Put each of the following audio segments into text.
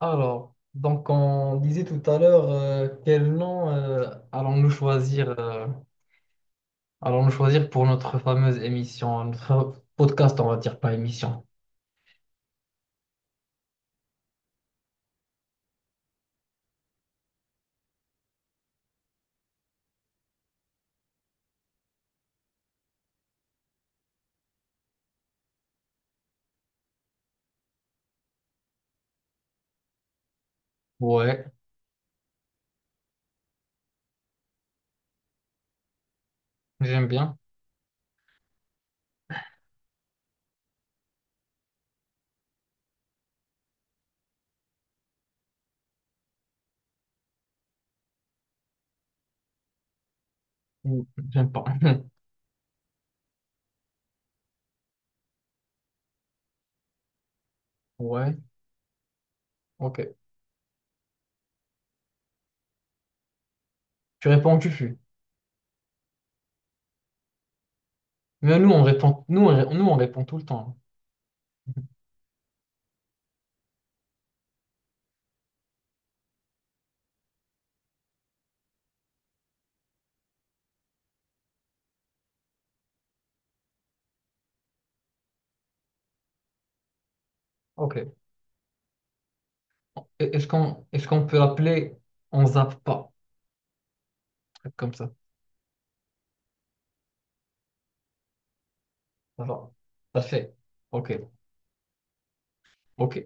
Alors, donc on disait tout à l'heure quel nom allons-nous choisir pour notre fameuse émission, notre podcast, on va dire pas émission. Ouais, j'aime bien. Ou j'aime pas. Ouais, ok. Tu réponds, tu fuis. Mais nous on répond, nous on répond tout le temps. Ok. Est-ce qu'on peut l'appeler on zappe pas? Un truc comme ça. Ça va. Ça fait. Ok. Ok.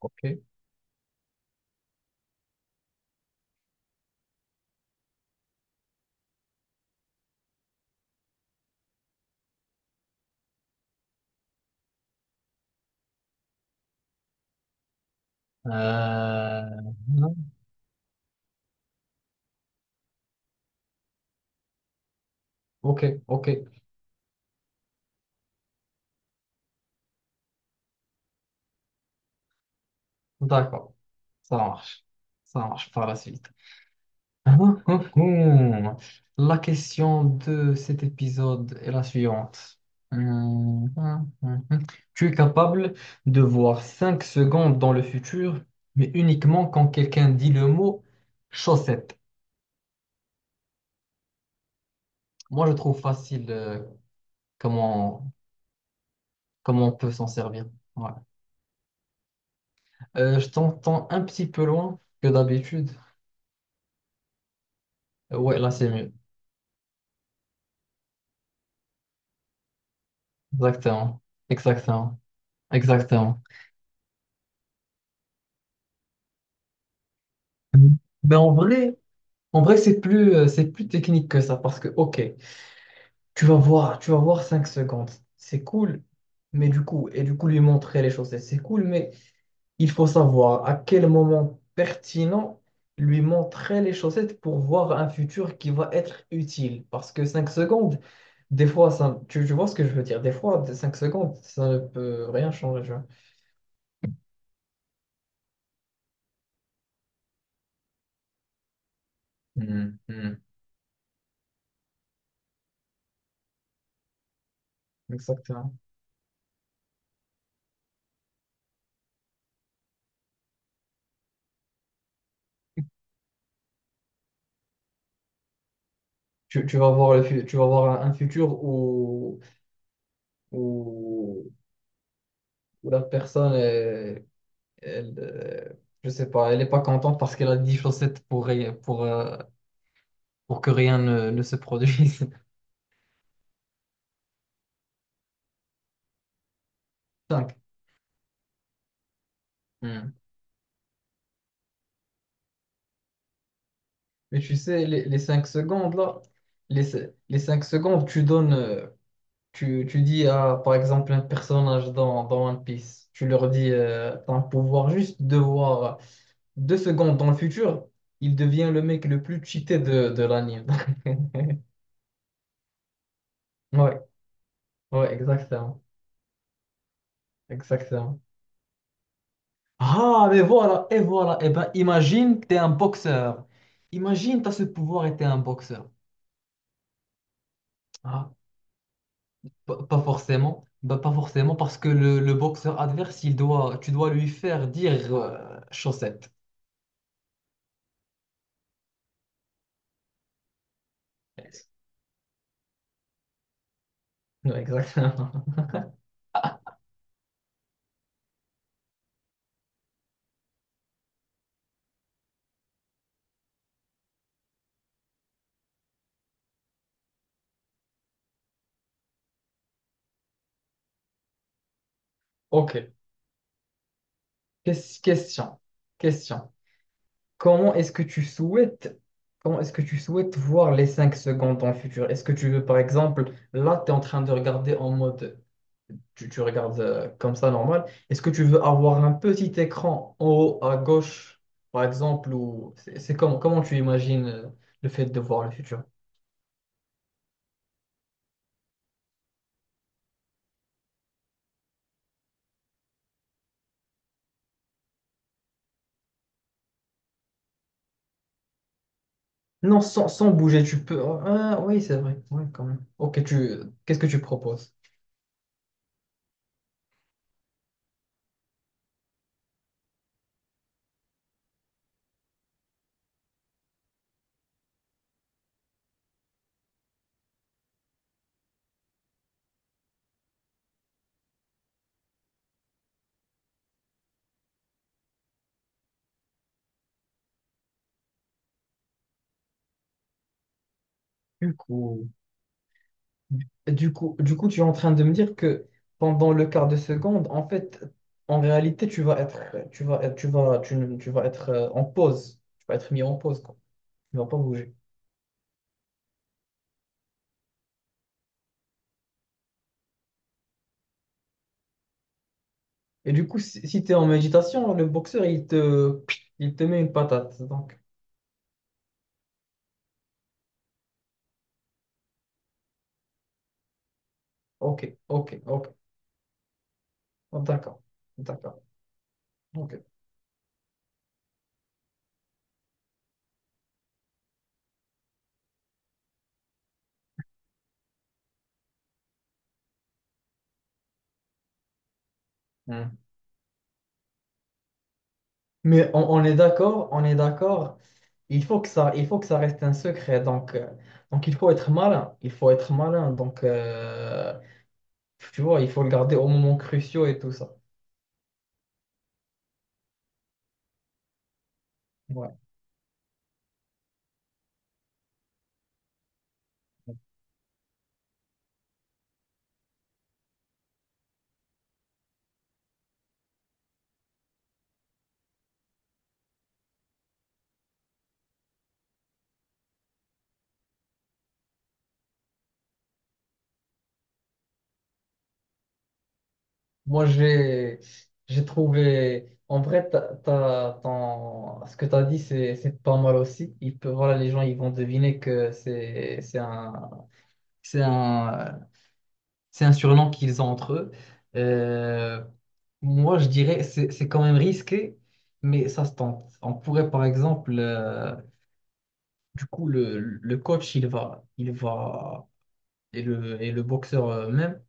Ok. Euh, non. Ok, ok. D'accord. Ça marche. Ça marche par la suite. Hum. La question de cet épisode est la suivante. Hum, hum, hum, hum. Tu es capable de voir 5 secondes dans le futur, mais uniquement quand quelqu'un dit le mot chaussette. Moi, je trouve facile comment, comment on peut s'en servir. Ouais. Je t'entends un petit peu loin que d'habitude. Ouais, là, c'est mieux. Exactement, exactement, exactement. Mm. Mais en vrai, c'est plus technique que ça parce que, ok, tu vas voir 5 secondes, c'est cool, mais du coup, lui montrer les choses, et c'est cool, mais il faut savoir à quel moment pertinent lui montrer les chaussettes pour voir un futur qui va être utile. Parce que 5 secondes, des fois, tu vois ce que je veux dire, des fois, 5 secondes, ça ne peut rien changer, tu vois. Mhm, mhm. Exactement. Tu vas voir le fu- tu vas voir un futur où, où, où la personne, elle, euh, je sais pas, elle n'est pas contente parce qu'elle a 10 chaussettes pour, pour que rien ne se produise. Cinq. Hmm. Mais tu sais, les 5 secondes, là, les 5 secondes, tu dis à, par exemple, un personnage dans One Piece, tu leur dis, t'as un pouvoir juste de voir 2 secondes dans le futur, il devient le mec le plus cheaté de l'anime. Ouais, ouais, exactement. Exactement. Ah, mais voilà, et voilà. Et ben, imagine que tu es un boxeur. Imagine tu as ce pouvoir et tu es un boxeur. Ah, pas forcément. Bah, pas forcément, parce que le boxeur adverse, tu dois lui faire dire chaussette. Ouais, exactement. Ok. Question. Question. Comment est-ce que tu souhaites, Comment est-ce que tu souhaites voir les 5 secondes dans le futur? Est-ce que tu veux, par exemple, là, tu es en train de regarder en mode. Tu regardes comme ça normal. Est-ce que tu veux avoir un petit écran en haut à gauche, par exemple, ou c'est comment tu imagines le fait de voir le futur? Non, sans bouger, tu peux. Ah, ah, oui, c'est vrai. Ouais, quand même. Ok, qu'est-ce que tu proposes? Du coup, du coup, tu es en train de me dire que pendant le quart de seconde, en fait, en réalité, tu, ne- tu vas être en pause. Tu vas être mis en pause, quoi. Tu ne vas pas bouger. Et du coup, si tu es en méditation, le boxeur, il te met une patate. Donc, ok, ok, ok. Oh, d'accord, d'accord, ok. Hmm. Mais on est d'accord, on est d'accord. Il faut que ça, il faut que ça reste un secret. Donc il faut être malin. Il faut être malin. Donc, tu vois, il faut le garder au moment cruciaux et tout ça. Ouais. Moi, j'ai trouvé. En vrai, ce que tu as dit, c'est pas mal aussi. Il peut, voilà, les gens ils vont deviner que c'est un, c'est un surnom qu'ils ont entre eux. Euh, Moi, je dirais c'est quand même risqué, mais ça se tente. On pourrait, par exemple, le coach, et le boxeur même,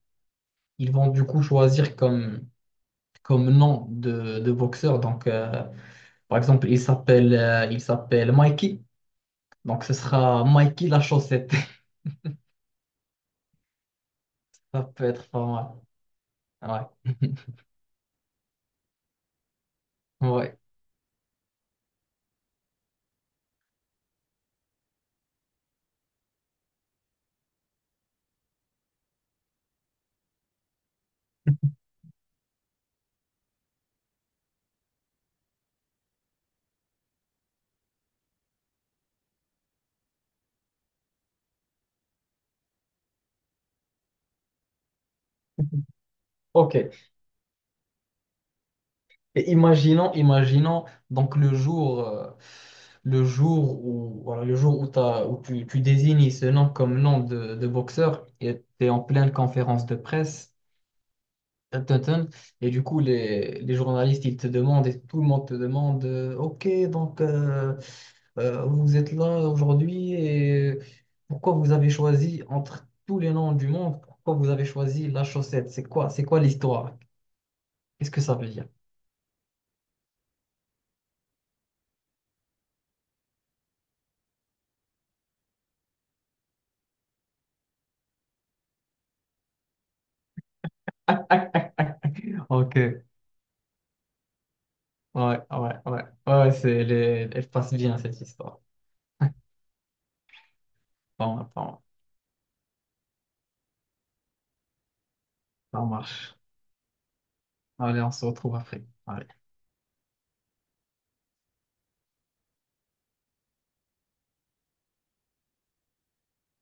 ils vont du coup choisir comme nom de boxeur. Donc, par exemple, il s'appelle Mikey. Donc, ce sera Mikey la chaussette. Ça peut être pas mal. Ouais. Ouais. OK. Et imaginons donc le jour où voilà, le jour où, tu désignes ce nom comme nom de boxeur et tu es en pleine conférence de presse Dun, Et du coup, les journalistes, ils te demandent et tout le monde te demande, OK, donc, vous êtes là aujourd'hui et pourquoi vous avez choisi entre tous les noms du monde, pourquoi vous avez choisi la chaussette? C'est quoi l'histoire? Qu'est-ce que ça veut dire? OK, ouais, ouais, ouais, ouais, ouais, elle passe bien cette histoire. Bon, bon, ça marche. Allez, on se retrouve après. Ouais.